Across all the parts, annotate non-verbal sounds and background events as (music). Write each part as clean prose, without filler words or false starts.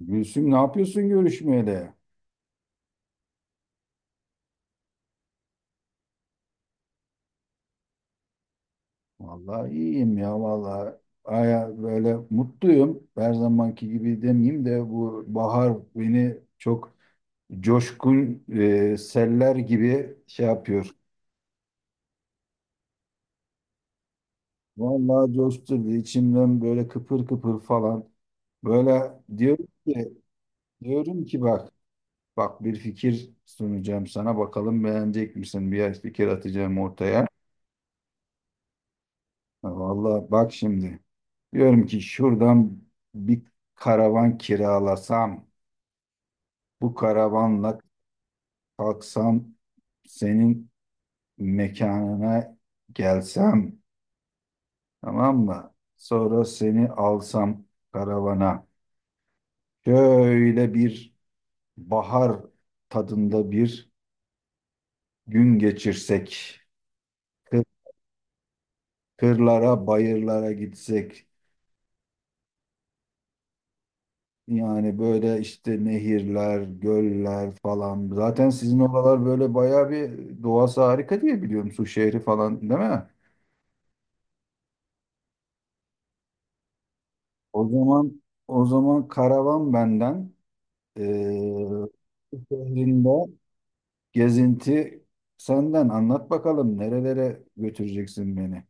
Gülsüm, ne yapıyorsun görüşmeyeli? Vallahi iyiyim ya vallahi. Aya böyle mutluyum. Her zamanki gibi demeyeyim de bu bahar beni çok coşkun seller gibi şey yapıyor. Vallahi coşturdu içimden böyle kıpır kıpır falan. Böyle diyorum ki diyorum ki bak, bir fikir sunacağım sana, bakalım beğenecek misin? Bir fikir atacağım ortaya. Ha, vallahi bak şimdi. Diyorum ki şuradan bir karavan kiralasam, bu karavanla kalksam senin mekanına gelsem, tamam mı? Sonra seni alsam karavana. Şöyle bir bahar tadında bir gün geçirsek. Kır- Kırlara, bayırlara gitsek. Yani böyle işte nehirler, göller falan. Zaten sizin oralar böyle bayağı bir doğası harika diye biliyorum. Su şehri falan değil mi? O zaman, karavan benden, eee su şehrinde gezinti senden, anlat bakalım nerelere götüreceksin beni.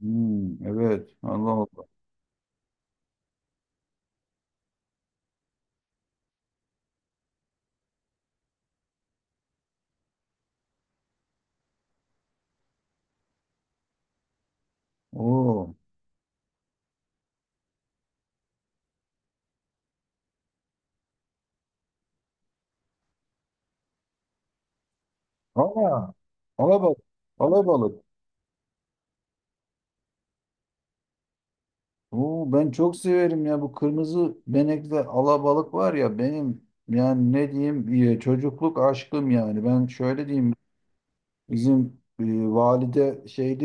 Hmm, evet, Allah Allah. Oo. Aa, alabalık. Alabalık. Oo, ben çok severim ya bu kırmızı benekli alabalık var ya, benim yani ne diyeyim, çocukluk aşkım. Yani ben şöyle diyeyim, bizim valide şeydi,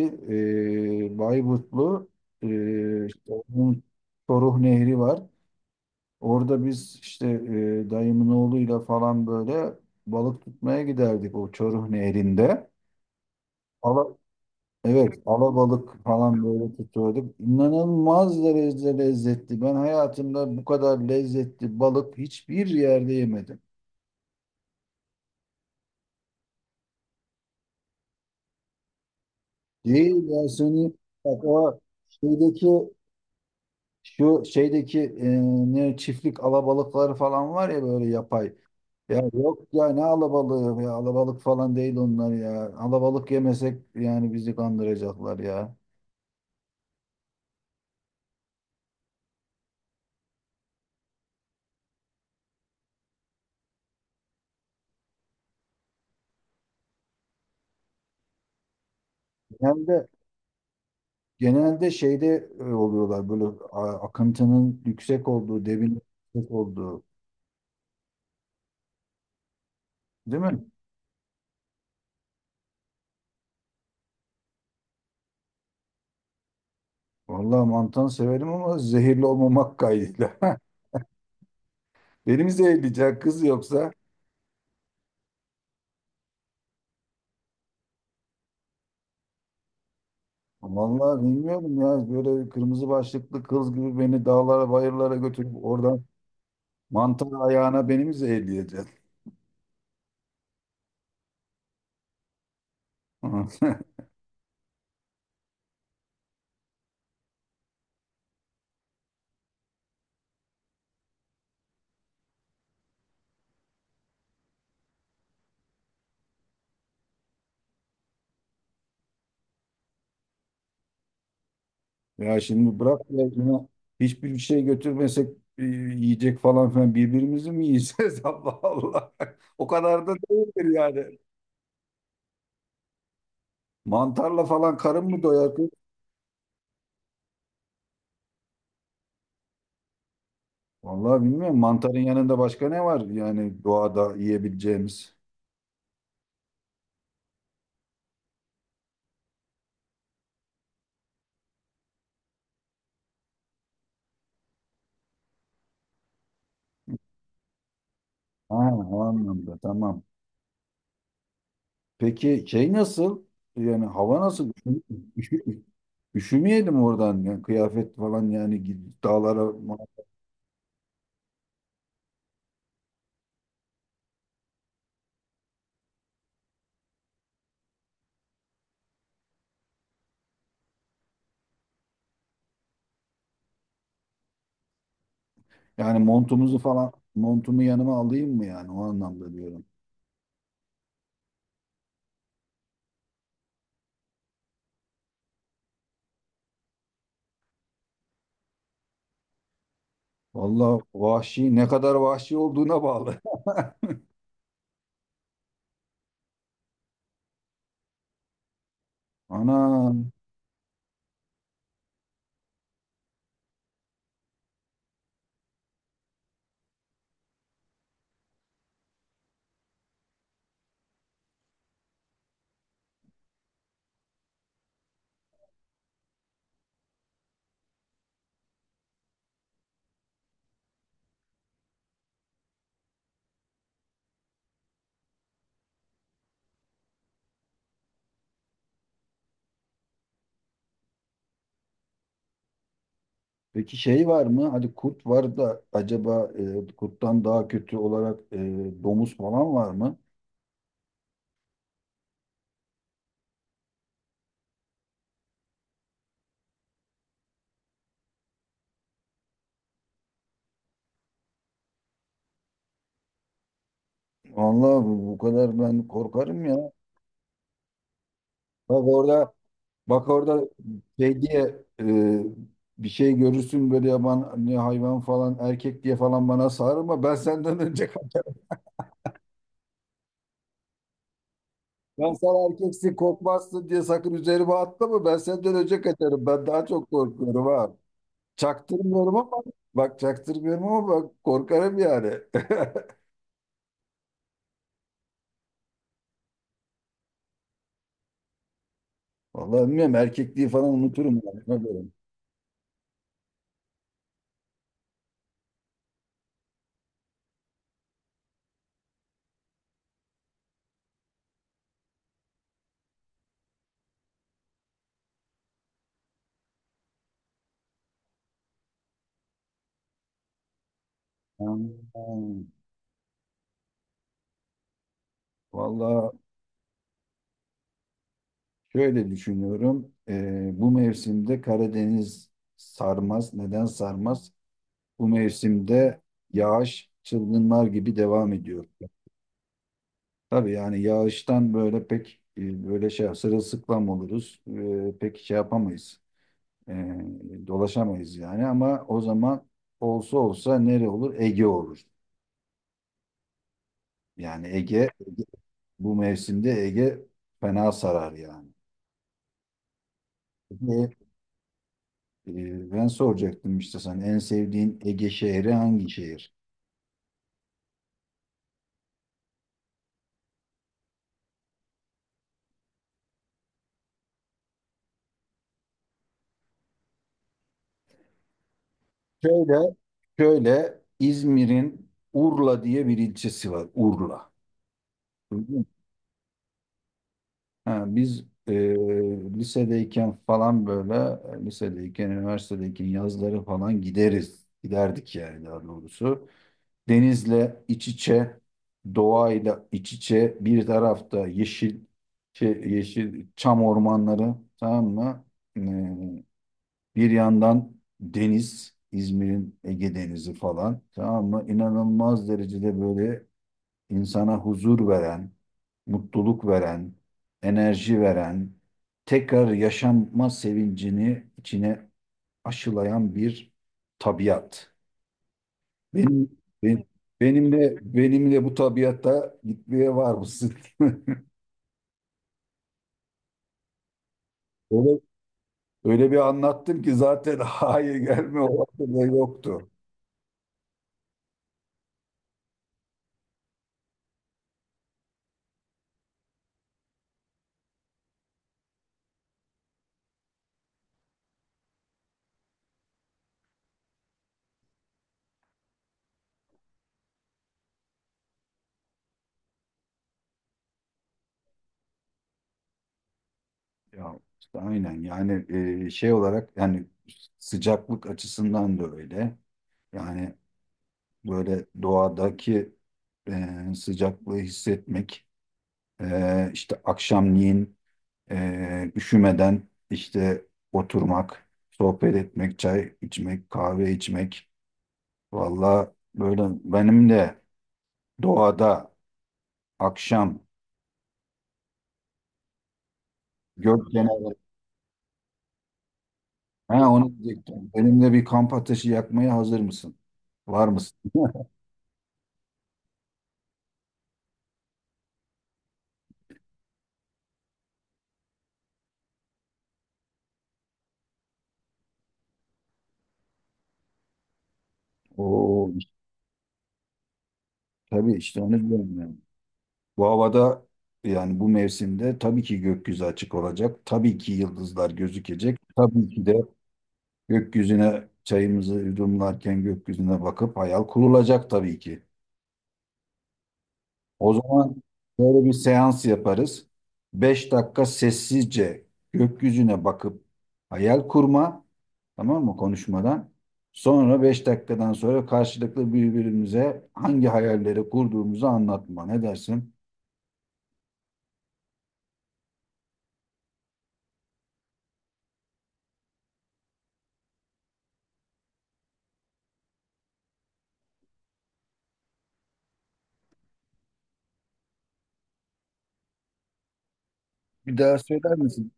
Bayburtlu, işte onun Çoruh Nehri var orada. Biz işte dayımın oğluyla falan böyle balık tutmaya giderdik o Çoruh Nehri'nde. Evet, alabalık falan böyle tutuyorduk. İnanılmaz derecede lezzetli. Ben hayatımda bu kadar lezzetli balık hiçbir yerde yemedim. Değil ya, seni bak, o şeydeki, şu şeydeki, ne çiftlik alabalıkları falan var ya böyle, yapay. Ya yok ya, ne alabalığı ya, alabalık falan değil onlar ya. Alabalık yemesek yani bizi kandıracaklar ya. Hem de genelde şeyde oluyorlar böyle akıntının yüksek olduğu, debinin yüksek olduğu, değil mi? Vallahi mantan severim ama zehirli olmamak kaydıyla. (laughs) Benim zehirleyecek kız yoksa. Vallahi bilmiyorum ya, böyle kırmızı başlıklı kız gibi beni dağlara bayırlara götürüp oradan mantar ayağına beni mi zehirleyeceksin? (laughs) Ya şimdi bırak ya, yine hiçbir şey götürmesek yiyecek falan filan, birbirimizi mi yiyeceğiz? (laughs) Allah Allah. O kadar da değildir yani. Mantarla falan karın mı doyar kız? Vallahi bilmiyorum. Mantarın yanında başka ne var yani doğada yiyebileceğimiz? Ha, o anlamda tamam. Peki şey nasıl? Yani hava nasıl? Üşü, üşü- Üşümeyelim oradan. Yani kıyafet falan, yani dağlara yani, montumuzu falan, montumu yanıma alayım mı, yani o anlamda diyorum. Vallahi vahşi, ne kadar vahşi olduğuna bağlı. (laughs) Ana, peki şey var mı? Hadi kurt var da acaba kurttan daha kötü olarak domuz falan var mı? Vallahi bu, bu kadar ben korkarım ya. Bak orada, bak orada şey diye, bir şey görürsün böyle, yaban ne hayvan falan, erkek diye falan bana sarılma. Ben senden önce kaçarım. Ben sen erkeksin korkmazsın diye sakın üzerime atlama. Ben senden önce kaçarım. Ben daha çok korkuyorum ha. Çaktırmıyorum ama, bak korkarım yani. (laughs) Vallahi bilmiyorum, erkekliği falan unuturum. Yani, ona göre. Ha, vallahi şöyle düşünüyorum. Bu mevsimde Karadeniz sarmaz. Neden sarmaz? Bu mevsimde yağış çılgınlar gibi devam ediyor. Tabii yani yağıştan böyle pek böyle şey, sırılsıklam oluruz. Pek şey yapamayız. Ee, dolaşamayız yani, ama o zaman olsa olsa nere olur? Ege olur. Yani Ege, bu mevsimde Ege fena sarar yani. Ne? Ben soracaktım işte sana, en sevdiğin Ege şehri hangi şehir? Şöyle, İzmir'in Urla diye bir ilçesi var. Urla. Duydun mu? Ha, biz lisedeyken falan böyle, lisedeyken, üniversitedeyken yazları falan gideriz. Giderdik yani, daha doğrusu. Denizle iç içe, doğayla iç içe, bir tarafta yeşil şey, yeşil çam ormanları, tamam mı? Ee, bir yandan deniz, İzmir'in Ege Denizi falan, tamam mı? İnanılmaz derecede böyle insana huzur veren, mutluluk veren, enerji veren, tekrar yaşanma sevincini içine aşılayan bir tabiat. Benim, benimle, bu tabiatta gitmeye var mısın? (laughs) Öyle, öyle bir anlattım ki zaten (laughs) hayır gelme olasılığı da yoktu. Ya işte aynen yani, şey olarak yani sıcaklık açısından da öyle. Yani böyle doğadaki sıcaklığı hissetmek, işte akşamleyin üşümeden, işte oturmak, sohbet etmek, çay içmek, kahve içmek. Vallahi böyle benim de doğada akşam gök kenarı. Ha, onu diyecektim. Benim de bir kamp ateşi yakmaya hazır mısın? Var mısın? (laughs) Oo, işte, tabii, işte onu diyorum yani. Bu havada yani bu mevsimde tabii ki gökyüzü açık olacak. Tabii ki yıldızlar gözükecek. Tabii ki de gökyüzüne çayımızı yudumlarken gökyüzüne bakıp hayal kurulacak tabii ki. O zaman böyle bir seans yaparız. 5 dakika sessizce gökyüzüne bakıp hayal kurma, tamam mı, konuşmadan. Sonra 5 dakikadan sonra karşılıklı birbirimize hangi hayalleri kurduğumuzu anlatma. Ne dersin? Bir daha söyler misin?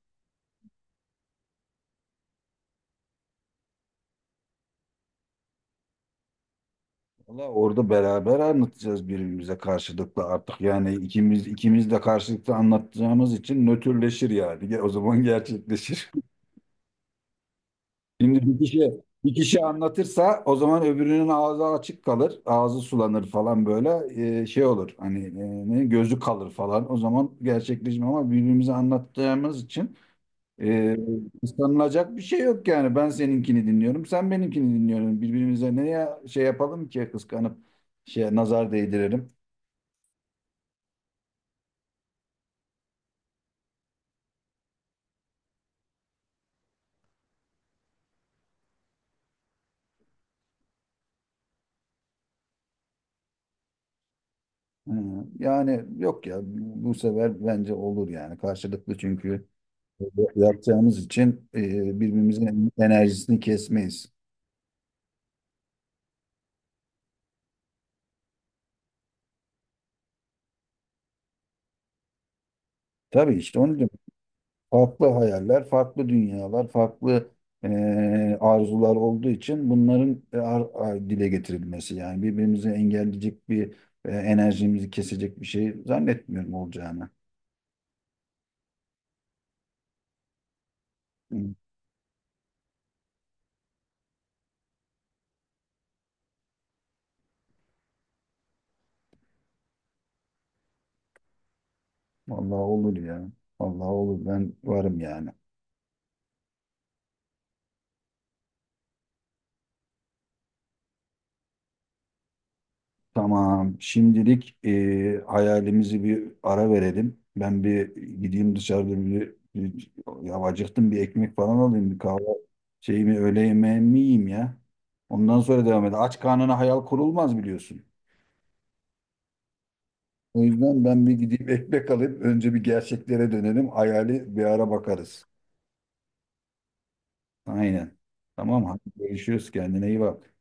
Valla orada beraber anlatacağız birbirimize, karşılıklı artık. Yani ikimiz de karşılıklı anlatacağımız için nötrleşir yani. O zaman gerçekleşir. Şimdi bir kişi anlatırsa, o zaman öbürünün ağzı açık kalır, ağzı sulanır falan, böyle şey olur. Hani gözü kalır falan. O zaman gerçekleşme, ama birbirimize anlattığımız için e, kıskanılacak bir şey yok yani. Ben seninkini dinliyorum, sen benimkini dinliyorsun. Birbirimize neye şey yapalım ki kıskanıp şey, nazar değdirelim. Hı, yani yok ya, bu sefer bence olur yani, karşılıklı çünkü yapacağımız için birbirimizin enerjisini kesmeyiz. Tabii işte onu diyorum. Farklı hayaller, farklı dünyalar, farklı e, arzular olduğu için bunların dile getirilmesi, yani birbirimizi engelleyecek bir enerjimizi kesecek bir şey zannetmiyorum olacağını. Hı. Vallahi olur ya. Vallahi olur. Ben varım yani. Tamam. Şimdilik hayalimizi bir ara verelim. Ben bir gideyim dışarıda bir, ya acıktım, bir ekmek falan alayım, bir kahve, şeyimi, öğle yemeğimi yiyeyim ya. Ondan sonra devam edelim. Aç karnına hayal kurulmaz biliyorsun. O yüzden ben bir gideyim (laughs) ekmek alayım. Önce bir gerçeklere dönelim. Hayali bir ara bakarız. Aynen. Tamam, hadi görüşürüz. Kendine iyi bak.